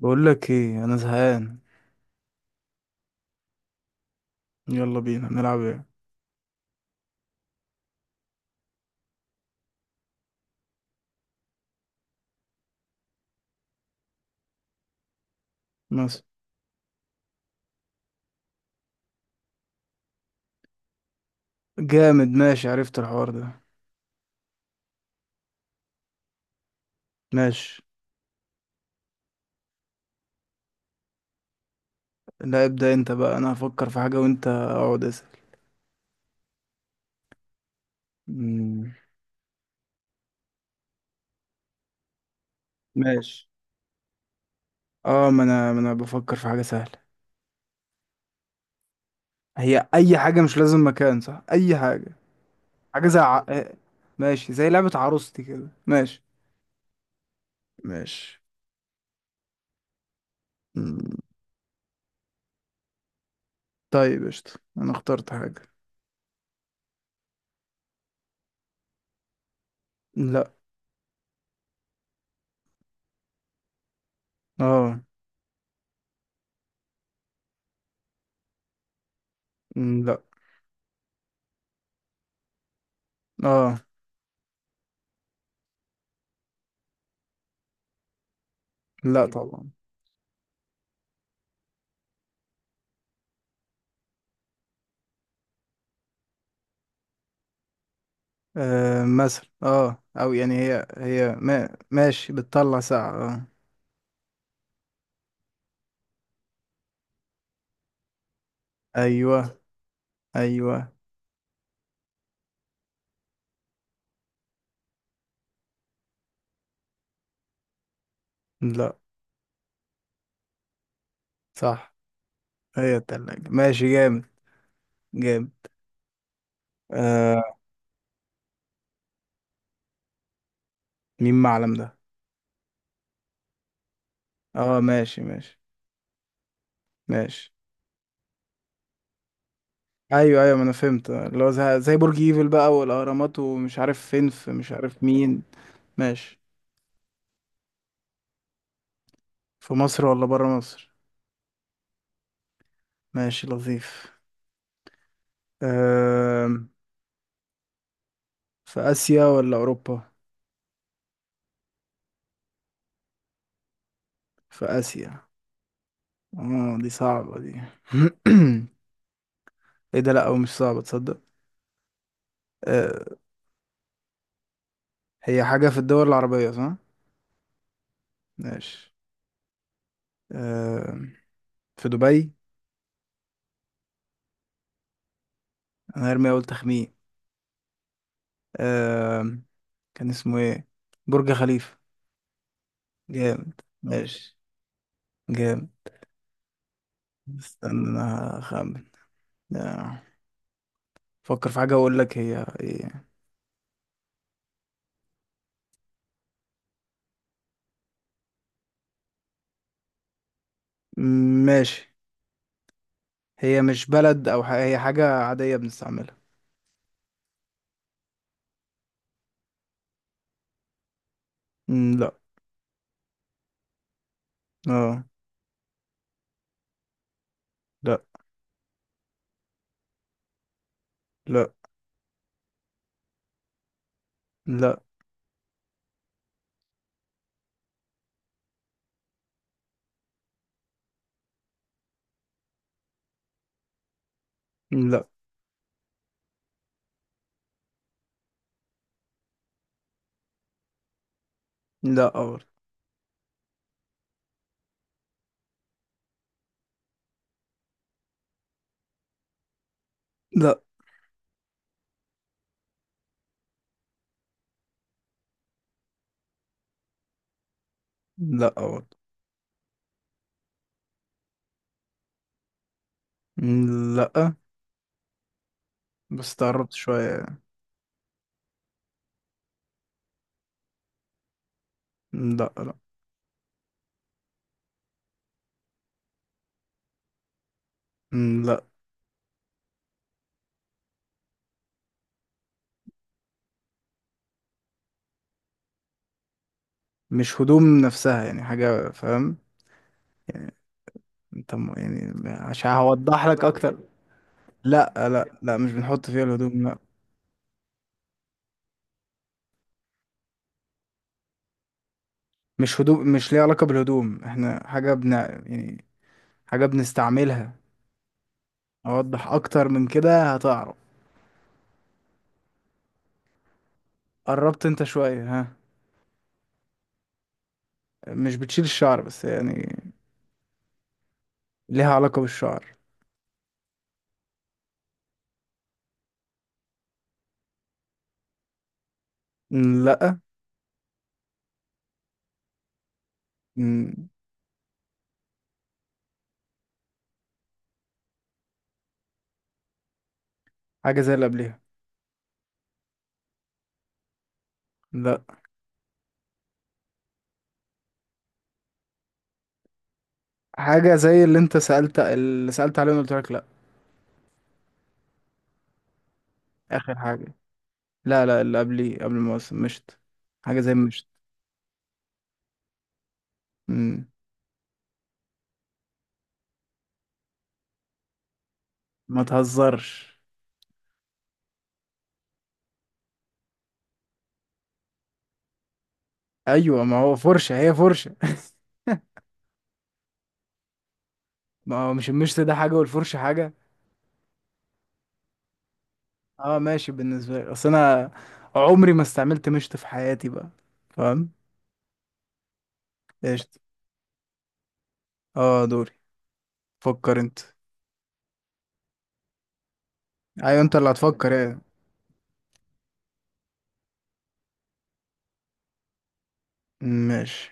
بقول لك ايه، انا زهقان. يلا بينا نلعب ايه؟ مثلا. جامد، ماشي، عرفت الحوار ده. ماشي. لا ابدأ انت بقى، انا هفكر في حاجة وانت اقعد اسأل. مم. ماشي. ما انا بفكر في حاجة سهلة. هي اي حاجة، مش لازم مكان، صح؟ اي حاجة. حاجة زي ع... آه، ماشي، زي لعبة عروستي كده. ماشي. ماشي. مم. طيب، قشطة. انا اخترت حاجة. لا. اه. لا. اه. لا طبعا. آه مثلا، اه، او يعني هي هي ما ماشي، بتطلع ساعة، اه. ايوه، ايوه. لا. صح، هي التلاجة. ماشي، جامد، جامد. آه. مين معلم ده؟ اه ماشي، ماشي، ماشي. ايوه، ايوه، ما انا فهمت. اللي هو زي برج ايفل بقى والاهرامات ومش عارف فين في مش عارف مين. ماشي. في مصر ولا برا مصر؟ ماشي، لطيف. آه. في اسيا ولا اوروبا؟ في اسيا. اه دي صعبة دي. ايه ده، لا، او مش صعبة، تصدق. آه. هي حاجة في الدول العربية، صح؟ ماشي. آه. في دبي. انا هرمي اول تخمين. آه. كان اسمه ايه؟ برج خليفة. جامد، ماشي، جامد. استنى انا هخمن. آه، فكر في حاجة اقول لك هي ايه. ماشي. هي مش بلد او هي حاجة عادية بنستعملها. م، لا. اه. لا لا لا لا. لا أول. لا لا أول. لا، بس تقربت شوية يعني. مم، لا. مم، لا. مش هدوم نفسها، يعني حاجة، فاهم؟ يعني انت يعني عشان هوضح لك اكتر. لا، مش بنحط فيها الهدوم، لا. مش هدوم، مش ليها علاقة بالهدوم، احنا حاجة يعني حاجة بنستعملها. اوضح اكتر من كده هتعرف. قربت انت شوية، ها؟ مش بتشيل الشعر، بس يعني ليها علاقة بالشعر. مم، لا. مم. حاجة زي اللي قبلها. لا. حاجة زي اللي انت سألت، اللي سألت عليه وأنا قلت لك لا. اخر حاجة. لا، لا، اللي قبلي قبل المواسم مشت. حاجة زي مشت. مم. ما تهزرش. ايوه، ما هو فرشة، هي فرشة. ما هو مش المشت ده حاجة والفرشة حاجة. اه ماشي، بالنسبة لي، اصل انا عمري ما استعملت مشت في حياتي بقى، فاهم. قشطة. اه دوري. فكر انت. ايوه انت اللي هتفكر. ايه؟ ماشي.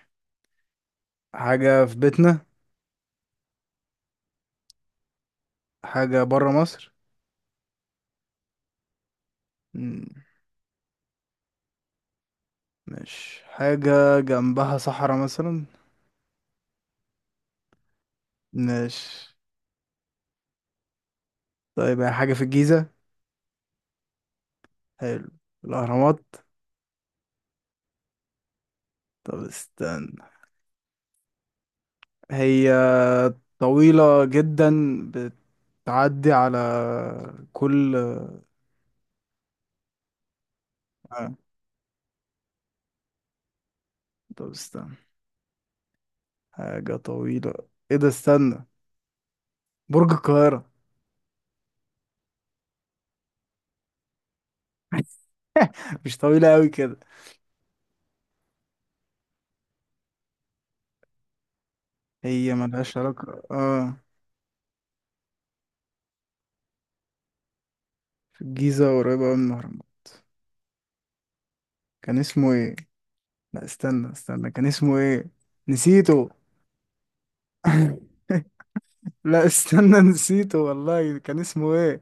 حاجة في بيتنا؟ حاجة برا مصر؟ مم. ماشي، حاجة جنبها صحراء مثلا. ماشي. طيب، هي حاجة في الجيزة؟ حلو. الأهرامات. طب استنى. هي طويلة جدا، بتعدي على كل. آه. طب استنى، حاجة طويلة، ايه ده، استنى. برج القاهرة. مش طويلة أوي كده. هي ملهاش علاقة، اه. في الجيزة، قريبة أوي من الأهرامات. كان اسمه ايه؟ لا استنى، استنى، كان اسمه ايه؟ نسيته. لا استنى، نسيته والله، كان اسمه ايه؟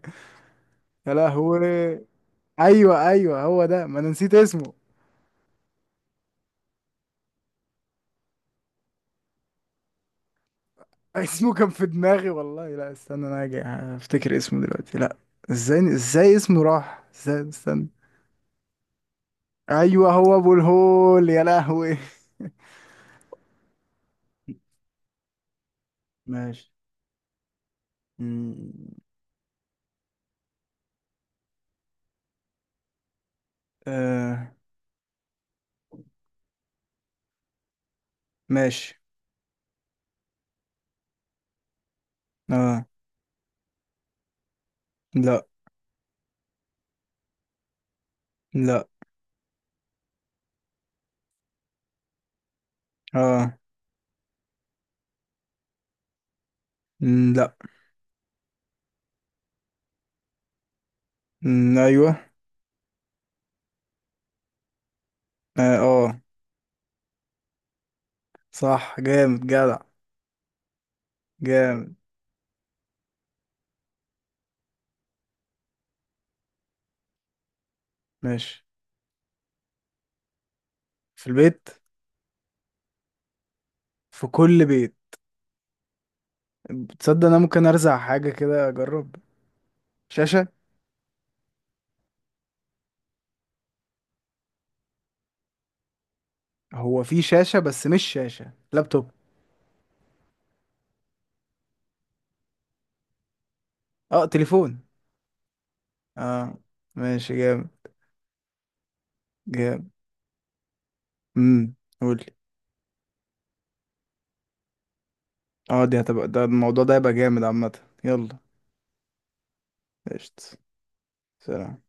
يا لهوي. ايوه، ايوه، هو ده، ما انا نسيت اسمه. اسمه كان في دماغي والله. لا استنى، انا هاجي هفتكر اسمه دلوقتي. لا، ازاي، ازاي اسمه راح، ازاي؟ استنى. ايوه، هو ابو الهول، يا لهوي. ماشي. مم. آه. ماشي. اه. لا. لا. اه. مم، لا. مم، ايوه. اه. آه. صح، جامد، جدع. جامد. ماشي. في البيت. في كل بيت. تصدق انا ممكن ارزع حاجة كده اجرب. شاشة. هو في شاشة، بس مش شاشة لابتوب. اه، تليفون. اه ماشي، جامد، جامد. امم، قولي. اه دي هتبقى، ده الموضوع ده هيبقى جامد عامة. يلا. قشطة. سلام.